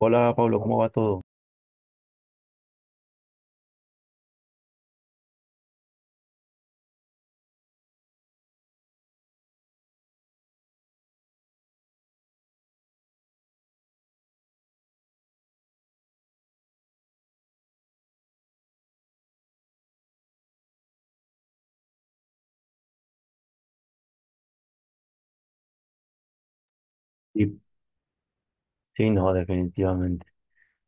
Hola Pablo, ¿cómo va todo? Y sí, no, definitivamente.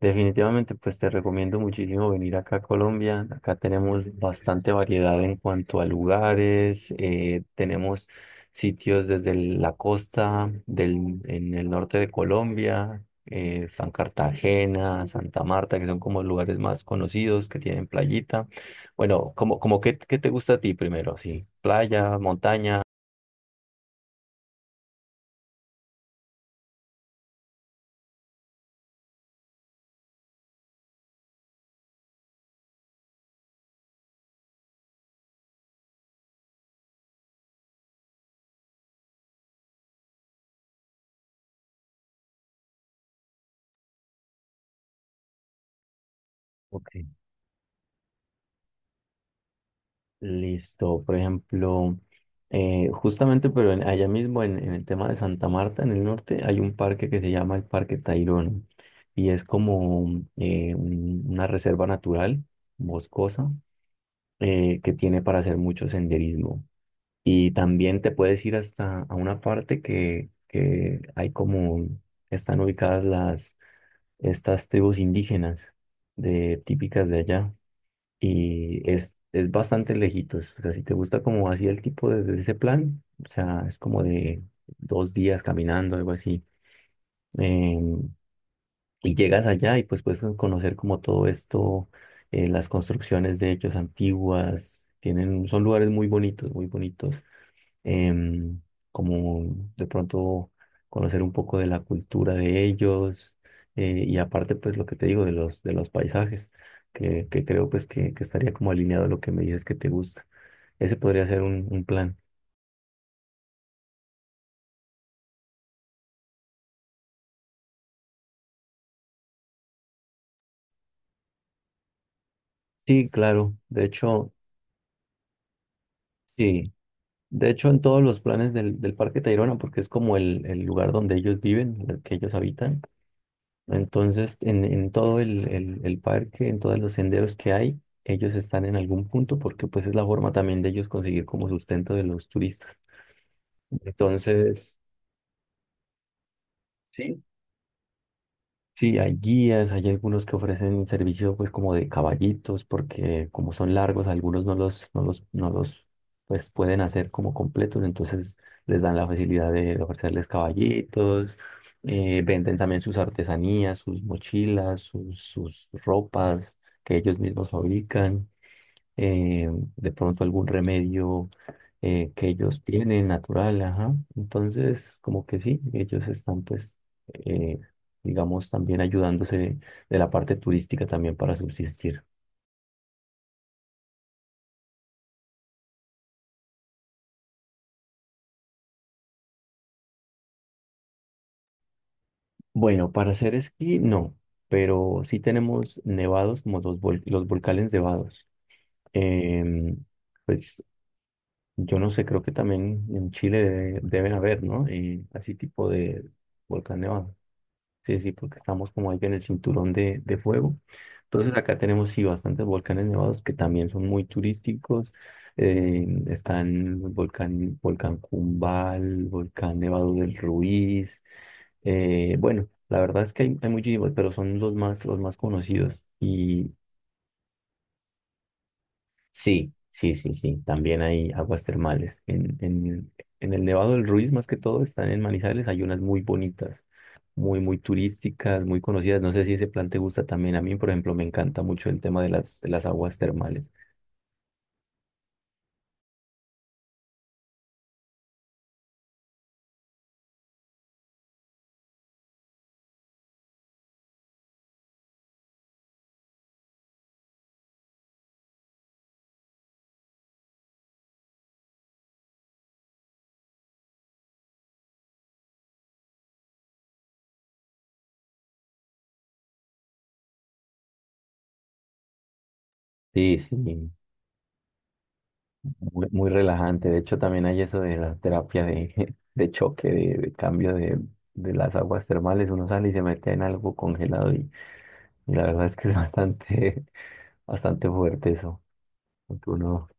Definitivamente, pues te recomiendo muchísimo venir acá a Colombia. Acá tenemos bastante variedad en cuanto a lugares. Tenemos sitios desde la costa en el norte de Colombia, San Cartagena, Santa Marta, que son como lugares más conocidos que tienen playita. Bueno, como ¿qué te gusta a ti primero? Sí, playa, montaña. Ok. Listo, por ejemplo, justamente, pero allá mismo en el tema de Santa Marta, en el norte, hay un parque que se llama el Parque Tayrona y es como una reserva natural, boscosa, que tiene para hacer mucho senderismo. Y también te puedes ir hasta a una parte que hay como, están ubicadas estas tribus indígenas típicas de allá y es bastante lejitos. O sea, si te gusta como así el tipo de ese plan, o sea, es como de 2 días caminando, algo así. em, y llegas allá y pues puedes conocer como todo esto, las construcciones de hechos antiguas, son lugares muy bonitos, muy bonitos, em, como de pronto conocer un poco de la cultura de ellos, y aparte pues lo que te digo de los paisajes, que creo pues que estaría como alineado a lo que me dices que te gusta. Ese podría ser un plan. Sí, claro. De hecho, sí. De hecho, en todos los planes del Parque Tayrona, porque es como el lugar donde ellos viven, el que ellos habitan. Entonces, en todo el parque, en todos los senderos que hay, ellos están en algún punto porque pues es la forma también de ellos conseguir como sustento de los turistas. Entonces, ¿sí? Sí, hay guías, hay algunos que ofrecen servicio pues como de caballitos, porque como son largos, algunos no los pues pueden hacer como completos, entonces les dan la facilidad de ofrecerles caballitos, venden también sus artesanías, sus mochilas, sus ropas que ellos mismos fabrican, eh, de pronto algún remedio que ellos tienen natural, ajá. Entonces, como que sí, ellos están pues, eh, digamos, también ayudándose de la parte turística también para subsistir. Bueno, para hacer esquí no, pero sí tenemos nevados como los volcanes nevados. Em, pues yo no sé, creo que también en Chile deben haber, ¿no? Así tipo de volcán nevado. Sí, sí, porque estamos como ahí en el cinturón de fuego. Entonces acá tenemos sí bastantes volcanes nevados que también son muy turísticos. Están el volcán Cumbal, volcán Nevado del Ruiz. Bueno, la verdad es que hay muchísimos, pero son los más conocidos. Y sí, sí, sí, sí. También hay aguas termales. En el Nevado del Ruiz, más que todo, están en Manizales. Hay unas muy bonitas, muy, muy turísticas, muy conocidas. No sé si ese plan te gusta también. A mí, por ejemplo, me encanta mucho el tema de las, aguas termales. Sí, sí, muy, muy relajante. De hecho, también hay eso de la terapia de choque, de cambio de las aguas termales. Uno sale y se mete en algo congelado y la verdad es que es bastante, bastante fuerte eso. Porque uno.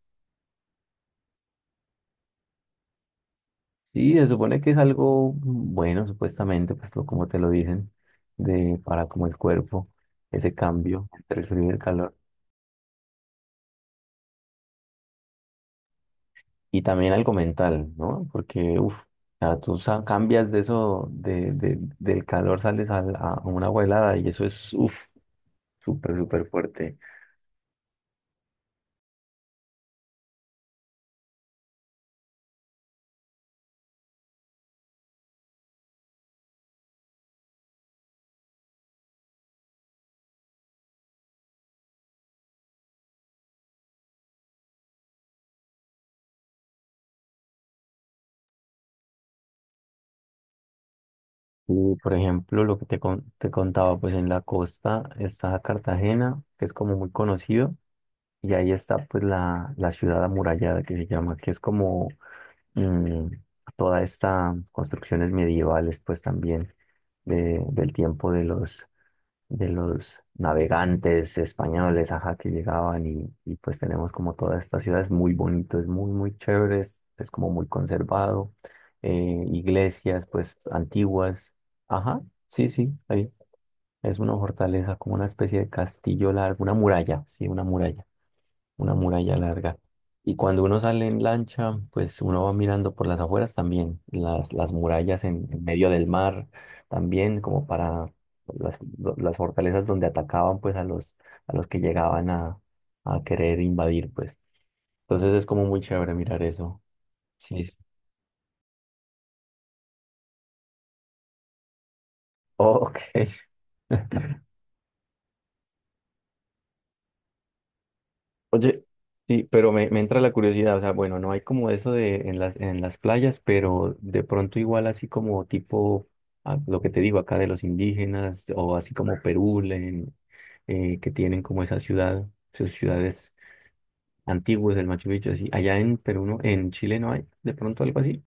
Sí, se supone que es algo bueno, supuestamente, pues como te lo dicen, de para como el cuerpo, ese cambio entre el frío y el calor. Y también algo mental, ¿no? Porque, uff, tú cambias de eso, del calor, sales a una agua helada y eso es, uff, súper, súper fuerte. Y, por ejemplo, lo que te contaba, pues en la costa está Cartagena, que es como muy conocido, y ahí está pues la ciudad amurallada que se llama, que es como mm, toda esta construcciones medievales, pues también del tiempo de los, navegantes españoles, ajá, que llegaban y pues tenemos como toda esta ciudad, es muy bonito, es muy, muy chévere, es como muy conservado, iglesias pues antiguas, ajá, sí, sí, ahí es una fortaleza, como una especie de castillo largo, una muralla, sí, una muralla larga. Y cuando uno sale en lancha, pues uno va mirando por las afueras también, las murallas en medio del mar, también como para las fortalezas donde atacaban pues a los que llegaban a querer invadir, pues. Entonces es como muy chévere mirar eso. Sí. Sí. Ok. Oye, sí, pero me entra la curiosidad, o sea, bueno, no hay como eso de en las playas, pero de pronto igual así como tipo ah, lo que te digo acá de los indígenas, o así como Perú, que tienen como esa ciudad, sus ciudades antiguas del Machu Picchu, así, allá en Perú, no, en Chile no hay de pronto algo así.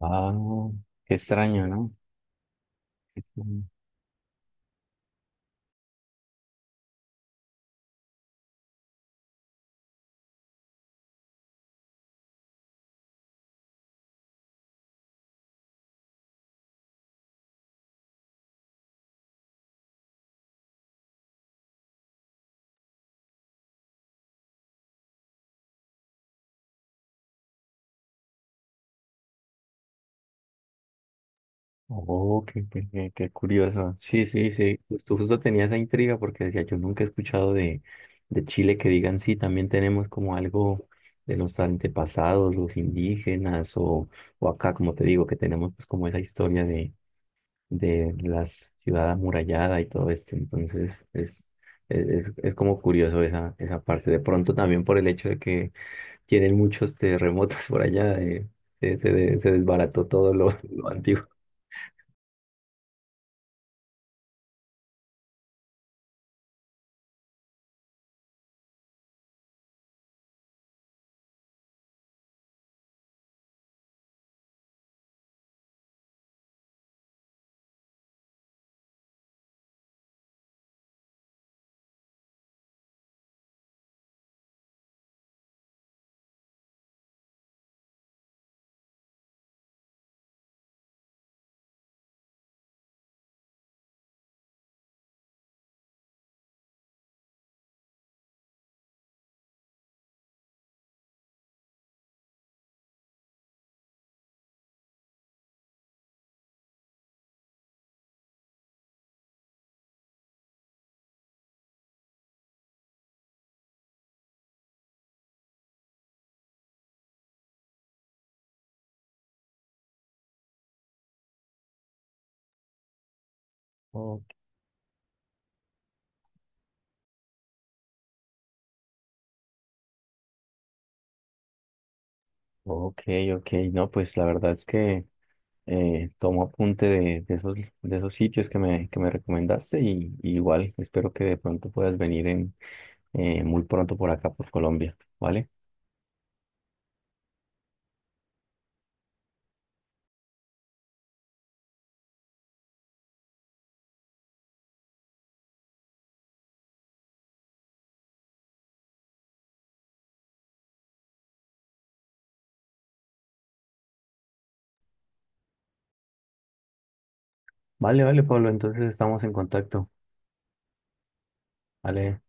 Ah, qué extraño, ¿no? Oh, qué curioso. Sí, sí, sí. Justo, justo tenía esa intriga porque decía, yo nunca he escuchado de Chile que digan, sí, también tenemos como algo de los antepasados, los indígenas, o acá, como te digo, que tenemos pues como esa historia de la ciudad amurallada y todo esto. Entonces, es como curioso esa parte. De pronto también por el hecho de que tienen muchos terremotos por allá, se desbarató todo lo antiguo. Ok, ok, no, pues la verdad es que tomo apunte de esos sitios que me recomendaste y igual espero que de pronto puedas venir muy pronto por acá, por Colombia, ¿vale? Vale, vale, Pablo, entonces estamos en contacto, ¿vale?